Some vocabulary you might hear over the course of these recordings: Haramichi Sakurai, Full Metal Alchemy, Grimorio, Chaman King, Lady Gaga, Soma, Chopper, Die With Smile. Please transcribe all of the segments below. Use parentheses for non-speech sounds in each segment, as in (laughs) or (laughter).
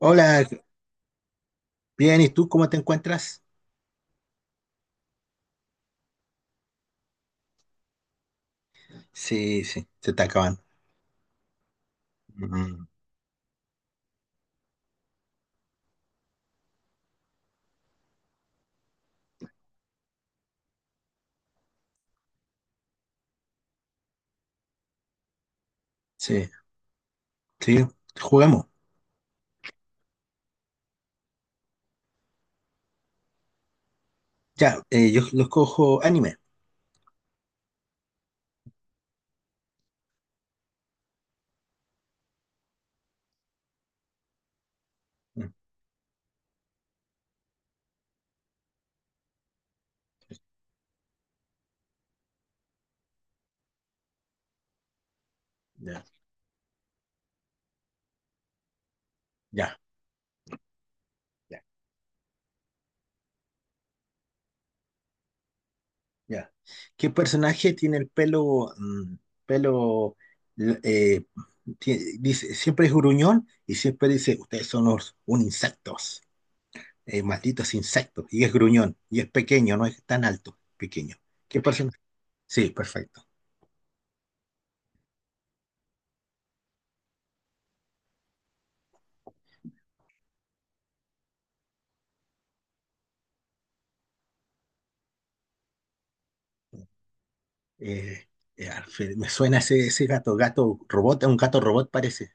Hola, bien, ¿y tú cómo te encuentras? Sí, sí. Se te acaban. Mm. Sí, sí, jugamos. Ya, yo los cojo anime. Mm, ya, ya, ya, ya. ¿Qué personaje tiene el pelo, pelo, l- eh, dice, siempre es gruñón y siempre dice, ustedes son los, un insectos, malditos insectos, y es gruñón, y es pequeño, no es tan alto, pequeño. ¿Qué personaje? Sí, perfecto. Eh, Alfred, me suena ese, ese gato, gato robot, un gato robot parece.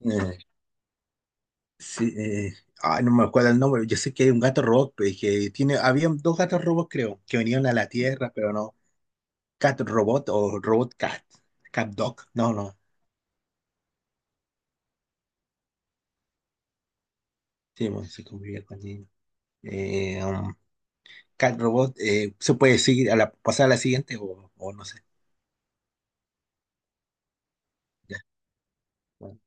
Eh, sí, ay, no me acuerdo el nombre, yo sé que hay un gato robot, pues, que tiene, había dos gatos robots creo, que venían a la Tierra, pero no, cat robot o robot cat, cat dog, no, no, sí, bueno, se convivía con niños. Eh, um, cat robot, ¿se puede seguir a la, pasar a la siguiente o no sé? Ya, bueno.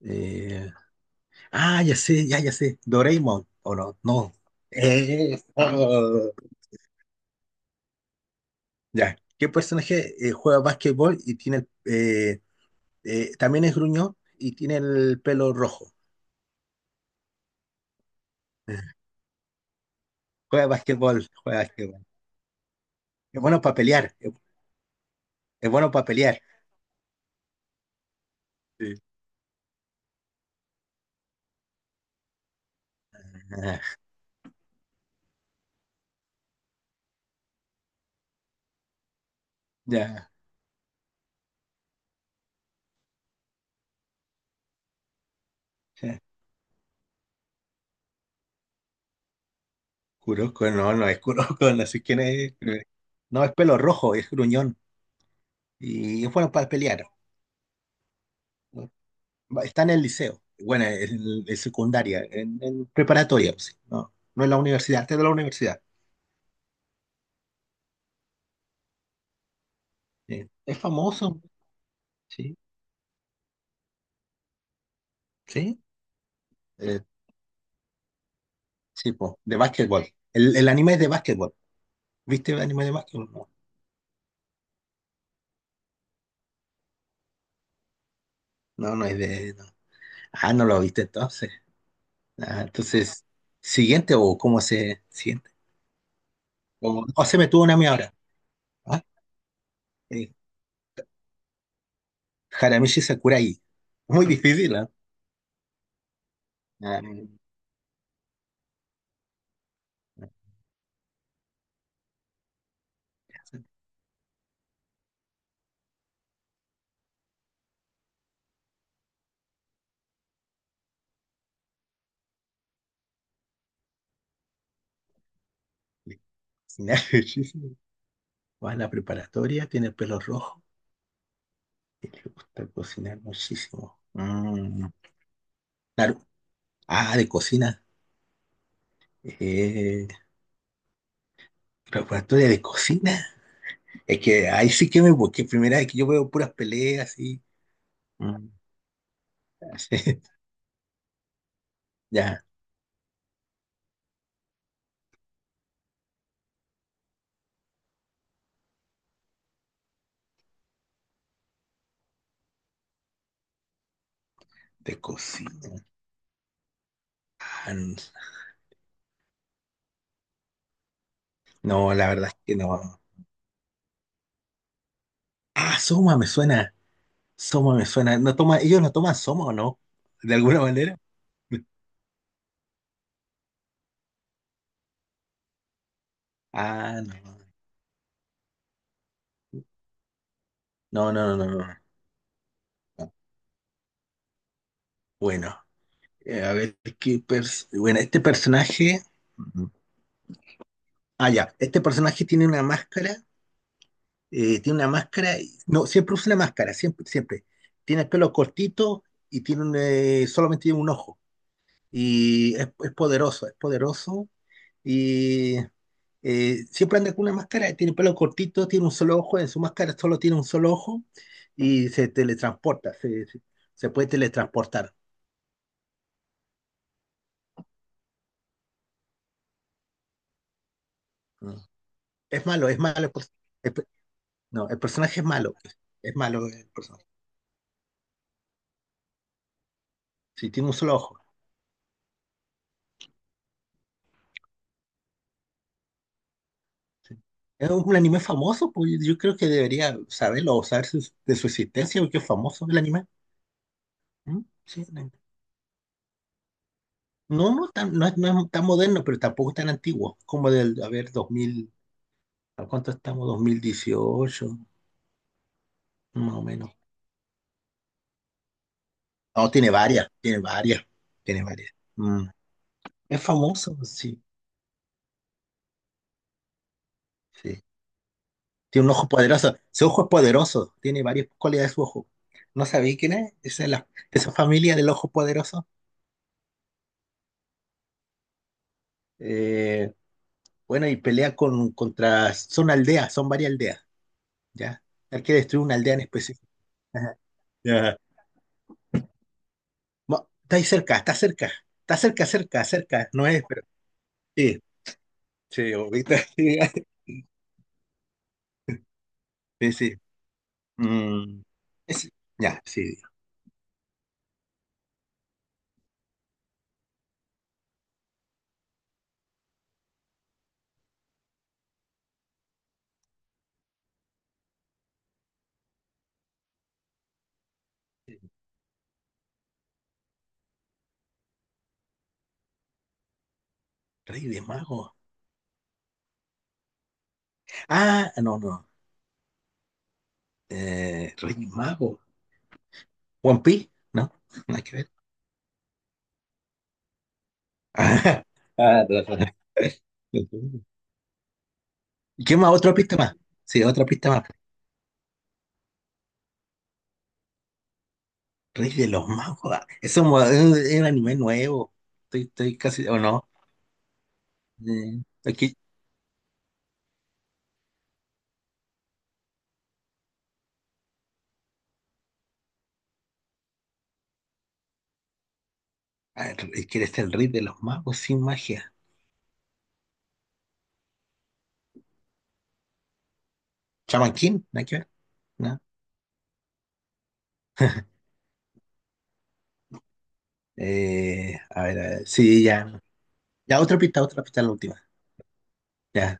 Eh, ah, ya sé, ya, ya sé, Doraemon, o no, no. (laughs) Oh, ya. ¿Qué personaje juega básquetbol y tiene el, también es gruñón y tiene el pelo rojo? (laughs) Juega básquetbol, juega básquetbol. Es bueno para pelear, es bueno para pelear. Sí. Ah, ya, ya. Kuroko, no, no es Kuroko, no sé quién es. No, es pelo rojo, es gruñón. Y es bueno para pelear. Está en el liceo, bueno, en secundaria, en preparatoria, sí. No, no en la universidad, está en la universidad. Sí. Es famoso, sí, sí. Eh, sí, po, de básquetbol. El anime es de básquetbol. ¿Viste el anime de básquetbol? No, no, no es de. No. Ah, no lo viste entonces. Ah, entonces, siguiente o cómo se siguiente. O se me tuvo una a mí ahora. Ah, eh, Haramichi Sakurai. Muy difícil, ¿ah? Ah, no, no, no, no, no, cocinar (laughs) muchísimo. Va a la preparatoria, tiene el pelo rojo y le gusta cocinar muchísimo. Mm, claro. Ah, de cocina. Eh, preparatoria de cocina. Es que ahí sí que me busqué. Primera vez que yo veo puras peleas y. Mm. (laughs) Ya, de cocina. No, la verdad es que no. Ah, Soma me suena. Soma me suena. No toma, ellos no toman Soma, ¿o no? De alguna manera. (laughs) Ah, no. No, no, no, no, no, no. Bueno, a ver qué bueno, este personaje. Ah, ya. Este personaje tiene una máscara, tiene una máscara, no, siempre usa una máscara, siempre, siempre. Tiene el pelo cortito y tiene un, solamente tiene un ojo. Y es poderoso, es poderoso. Y siempre anda con una máscara, tiene el pelo cortito, tiene un solo ojo, en su máscara solo tiene un solo ojo y se teletransporta, se puede teletransportar. Mm. Es malo, es malo. El pers- el pe- No, el personaje es malo el personaje. Sí, tiene un solo ojo. Sí. Es un anime famoso, pues yo creo que debería saberlo o de su existencia, porque es famoso el anime. ¿Mm? Sí, no, no, no, no es tan moderno, pero tampoco es tan antiguo, como del, a ver, dos mil, ¿a cuánto estamos? 2018 más o menos. No, tiene varias, tiene varias, tiene varias. Mm. Es famoso, sí, sí. Tiene un ojo poderoso, su ojo es poderoso, tiene varias cualidades su ojo. ¿No sabéis quién es? Esa, esa familia del ojo poderoso. Eh, Bueno, y pelea con, contra, son aldeas, son varias aldeas, ¿ya? Hay que destruir una aldea en específico. Ajá. Ya. Está ahí cerca, está cerca, está cerca, cerca, cerca, no es, pero sí, sí, ahorita, (laughs) sí, sí, sí. Mm, es- ya, sí. Rey de Mago. Ah, no, no. Rey Mago. One Piece, ¿no? (laughs) Nada que ver. (laughs) Ah, ah, no, no. (laughs) ¿Y qué más? ¿Otra pista más? Sí, otra pista más. Rey de los Magos. Ah, es un anime nuevo. Estoy, estoy casi. ¿O no? Aquí, a ver, ¿quiere ser el Rey de los Magos sin magia? ¿Chaman King? ¿Nada que ver? ¿No? A ver, sí, ya. Ya, otra pista, la última. Ya,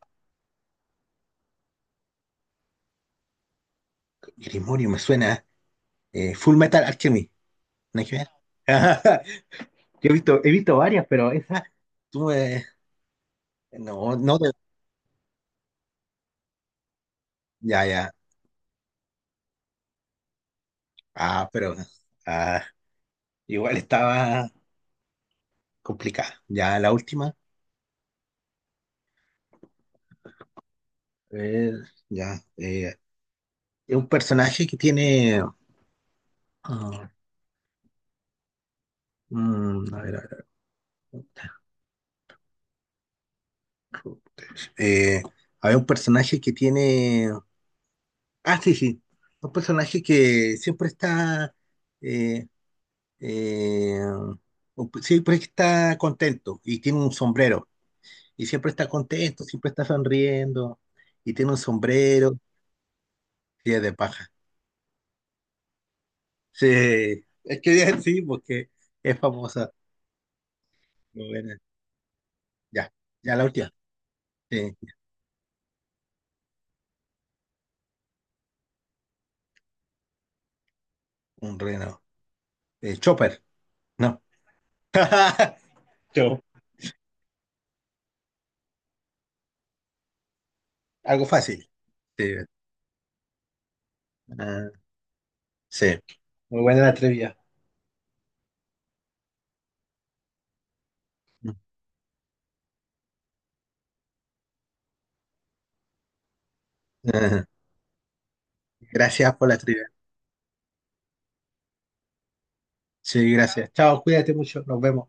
grimorio me suena. Full Metal Alchemy. ¿Nada que ver? (laughs) Yo he visto varias, pero esa. Tú me- No, no. Ya, ya. Ah, pero, ah, igual estaba complicada. Ya, la última. A ver, ya. Es un personaje que tiene, ah, mm, a ver, a ver, a ver. Eh, a un personaje que tiene. Ah, sí, sí. Un personaje que siempre está, eh, eh, siempre está contento y tiene un sombrero. Y siempre está contento, siempre está sonriendo. Y tiene un sombrero y es de paja. Sí, es que (laughs) sí, porque es famosa. Bueno, ya, ya la última. Sí. Un reno. Chopper, no. (laughs) Yo. Algo fácil. Sí. Ah, sí. Muy buena la trivia. (laughs) Gracias por la trivia. Sí, gracias. Chao, cuídate mucho. Nos vemos.